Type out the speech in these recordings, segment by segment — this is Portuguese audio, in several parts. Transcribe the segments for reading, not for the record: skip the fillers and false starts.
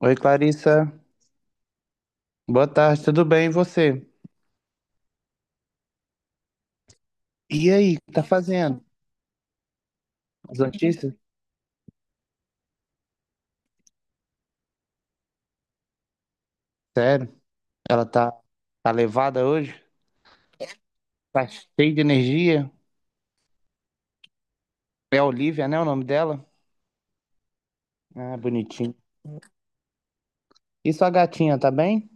Oi, Clarissa. Boa tarde, tudo bem? E você? E aí, o que tá fazendo? As notícias? Sério? Ela tá, tá levada hoje? Tá cheia de energia? É a Olivia, né? O nome dela? Ah, bonitinho. E sua gatinha, tá bem?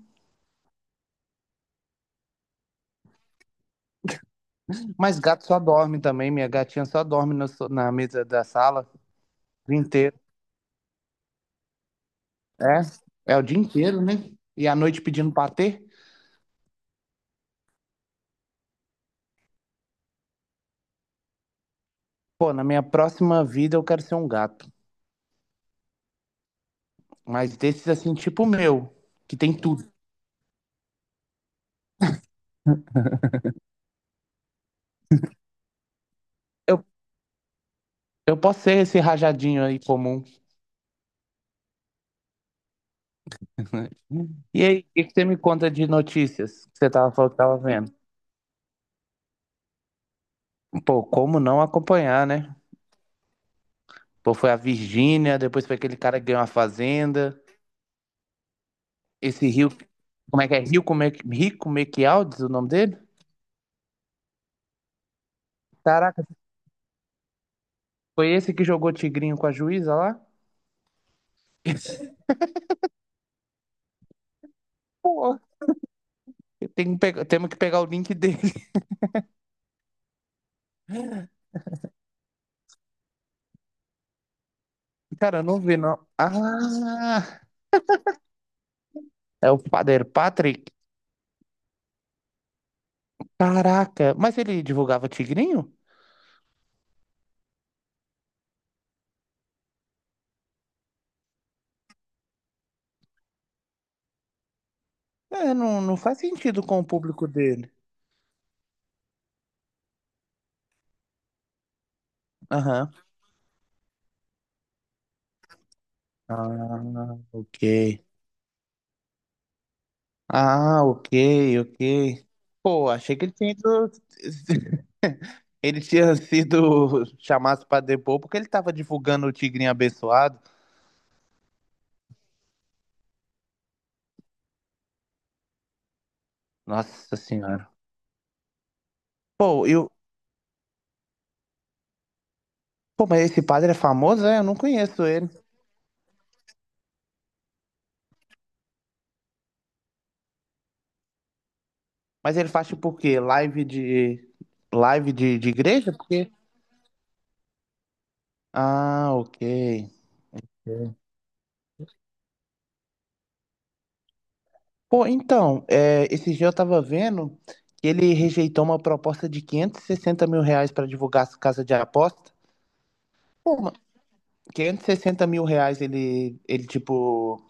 Mas gato só dorme também. Minha gatinha só dorme no so- na mesa da sala o dia inteiro. É? É o dia inteiro, né? E à noite pedindo patê? Pô, na minha próxima vida eu quero ser um gato. Mas desses assim, tipo o meu, que tem tudo. Eu posso ser esse rajadinho aí comum. E aí, o que que você me conta de notícias que você tava falando que tava vendo? Pô, como não acompanhar, né? Pô, foi a Virgínia, depois foi aquele cara que ganhou a fazenda. Esse Rio, como é que é? Rico Mequialdes, o nome dele? Caraca, foi esse que jogou tigrinho com a juíza lá? Pô, eu tenho que pegar- temos que pegar o link dele. Cara, eu não vi, não. Ah, é o padeiro Patrick. Caraca, mas ele divulgava tigrinho? É, não faz sentido com o público dele. Aham. Ah, ok. Ah, ok, ok. Pô, achei que ele tinha ido... Ele tinha sido chamado pra depor porque ele tava divulgando o Tigrinho Abençoado. Nossa Senhora. Pô, eu... Pô, mas esse padre é famoso, é? Eu não conheço ele. Mas ele faz tipo o quê? Live de... Live de igreja? Porque... Ah, ok. Pô, então, é, esse dia eu tava vendo que ele rejeitou uma proposta de R$ 560.000 para divulgar a casa de aposta. Pô, ma- R$ 560.000 ele tipo.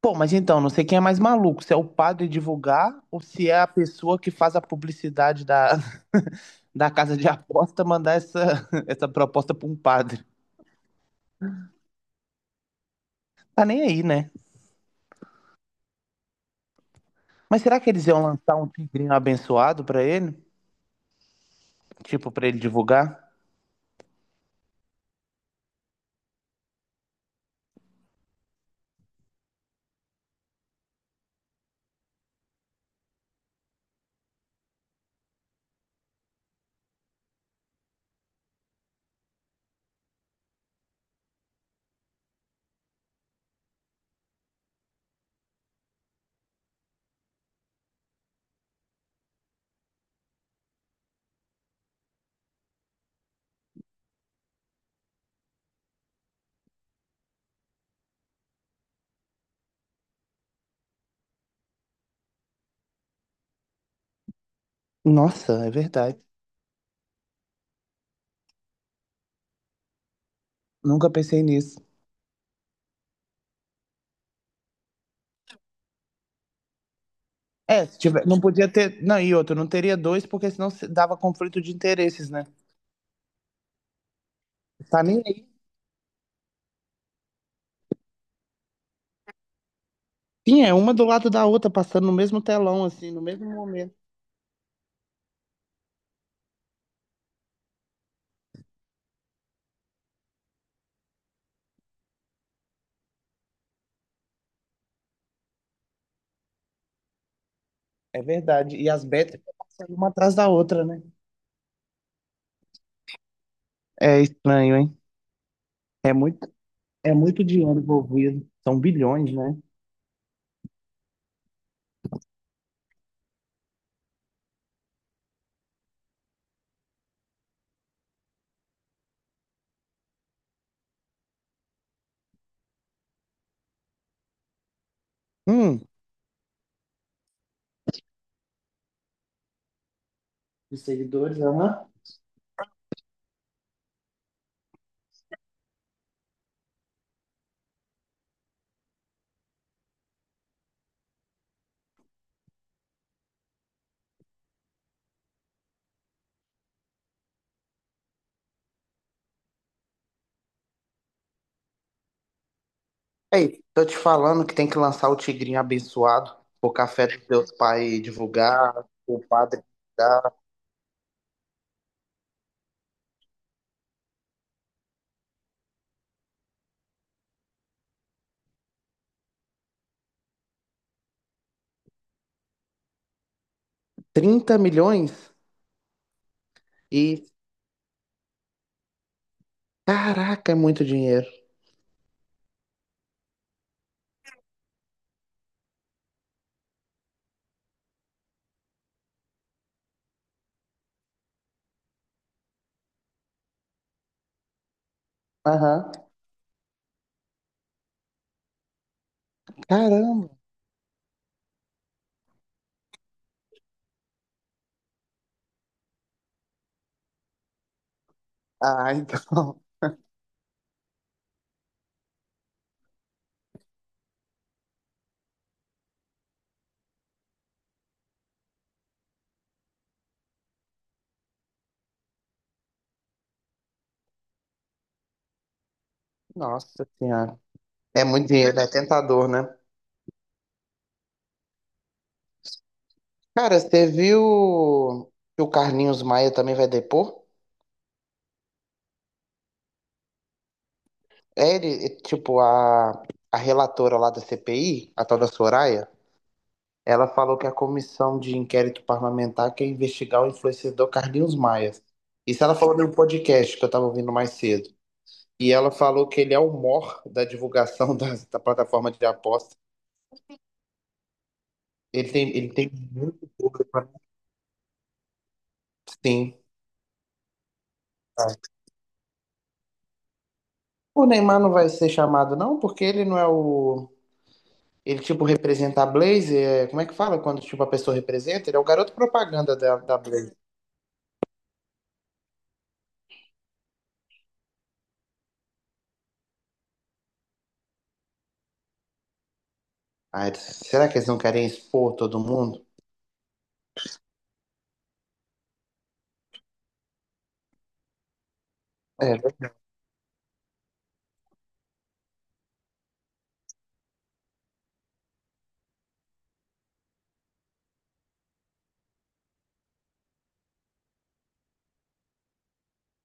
Pô, mas então, não sei quem é mais maluco, se é o padre divulgar ou se é a pessoa que faz a publicidade da, da casa de aposta mandar essa, essa proposta pra um padre. Tá nem aí, né? Mas será que eles iam lançar um tigrinho abençoado pra ele? Tipo, pra ele divulgar? Nossa, é verdade. Nunca pensei nisso. É, se tiver- não podia ter. Não, e outro, não teria dois, porque senão se- dava conflito de interesses, né? Tá nem aí. Sim, é uma do lado da outra, passando no mesmo telão, assim, no mesmo momento. É verdade. E as betas passando uma atrás da outra, né? É estranho, hein? É muito, é muito dinheiro envolvido. São bilhões, né? Hum. De seguidores, aham. Ei, tô te falando que tem que lançar o Tigrinho Abençoado, o café dos teus pais divulgar, o padre divulgar. 30 milhões? E, caraca, é muito dinheiro. Aham. Caramba. Ah, então. Nossa Senhora. É muito dinheiro, né? É tentador, né? Cara, você viu que o Carlinhos Maia também vai depor? É ele, é, tipo, a relatora lá da CPI, a tal da Soraya, ela falou que a comissão de inquérito parlamentar quer investigar o influenciador Carlinhos Maia. Isso ela falou no podcast que eu tava ouvindo mais cedo. E ela falou que ele é o mor da divulgação da plataforma de aposta. Ele tem muito público, né? Sim. Ah. O Neymar não vai ser chamado, não, porque ele não é o. Ele, tipo, representa a Blaze. Como é que fala quando, tipo, a pessoa representa? Ele é o garoto propaganda da Blaze. Ai, será que eles não querem expor todo mundo? É,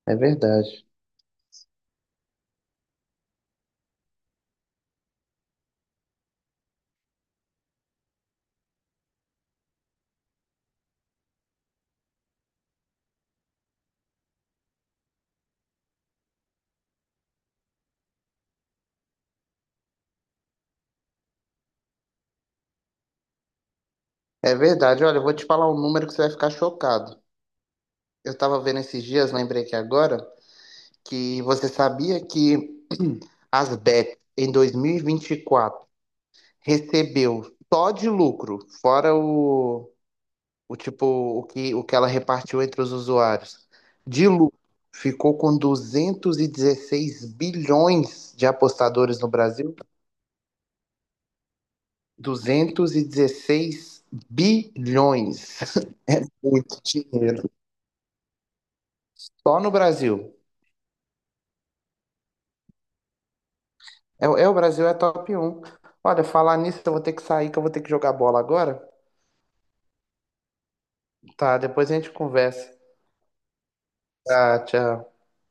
é verdade. É verdade. Olha, eu vou te falar um número que você vai ficar chocado. Eu tava vendo esses dias, lembrei que agora, que você sabia que as bets em dois mil e vinte e quatro recebeu só de lucro, fora o tipo o que ela repartiu entre os usuários. Dilu ficou com 216 bilhões de apostadores no Brasil. 216 bilhões. Muito dinheiro. Só no Brasil. É, é, o Brasil é top 1. Olha, falar nisso, eu vou ter que sair, que eu vou ter que jogar bola agora. Tá, depois a gente conversa. Tá, tchau.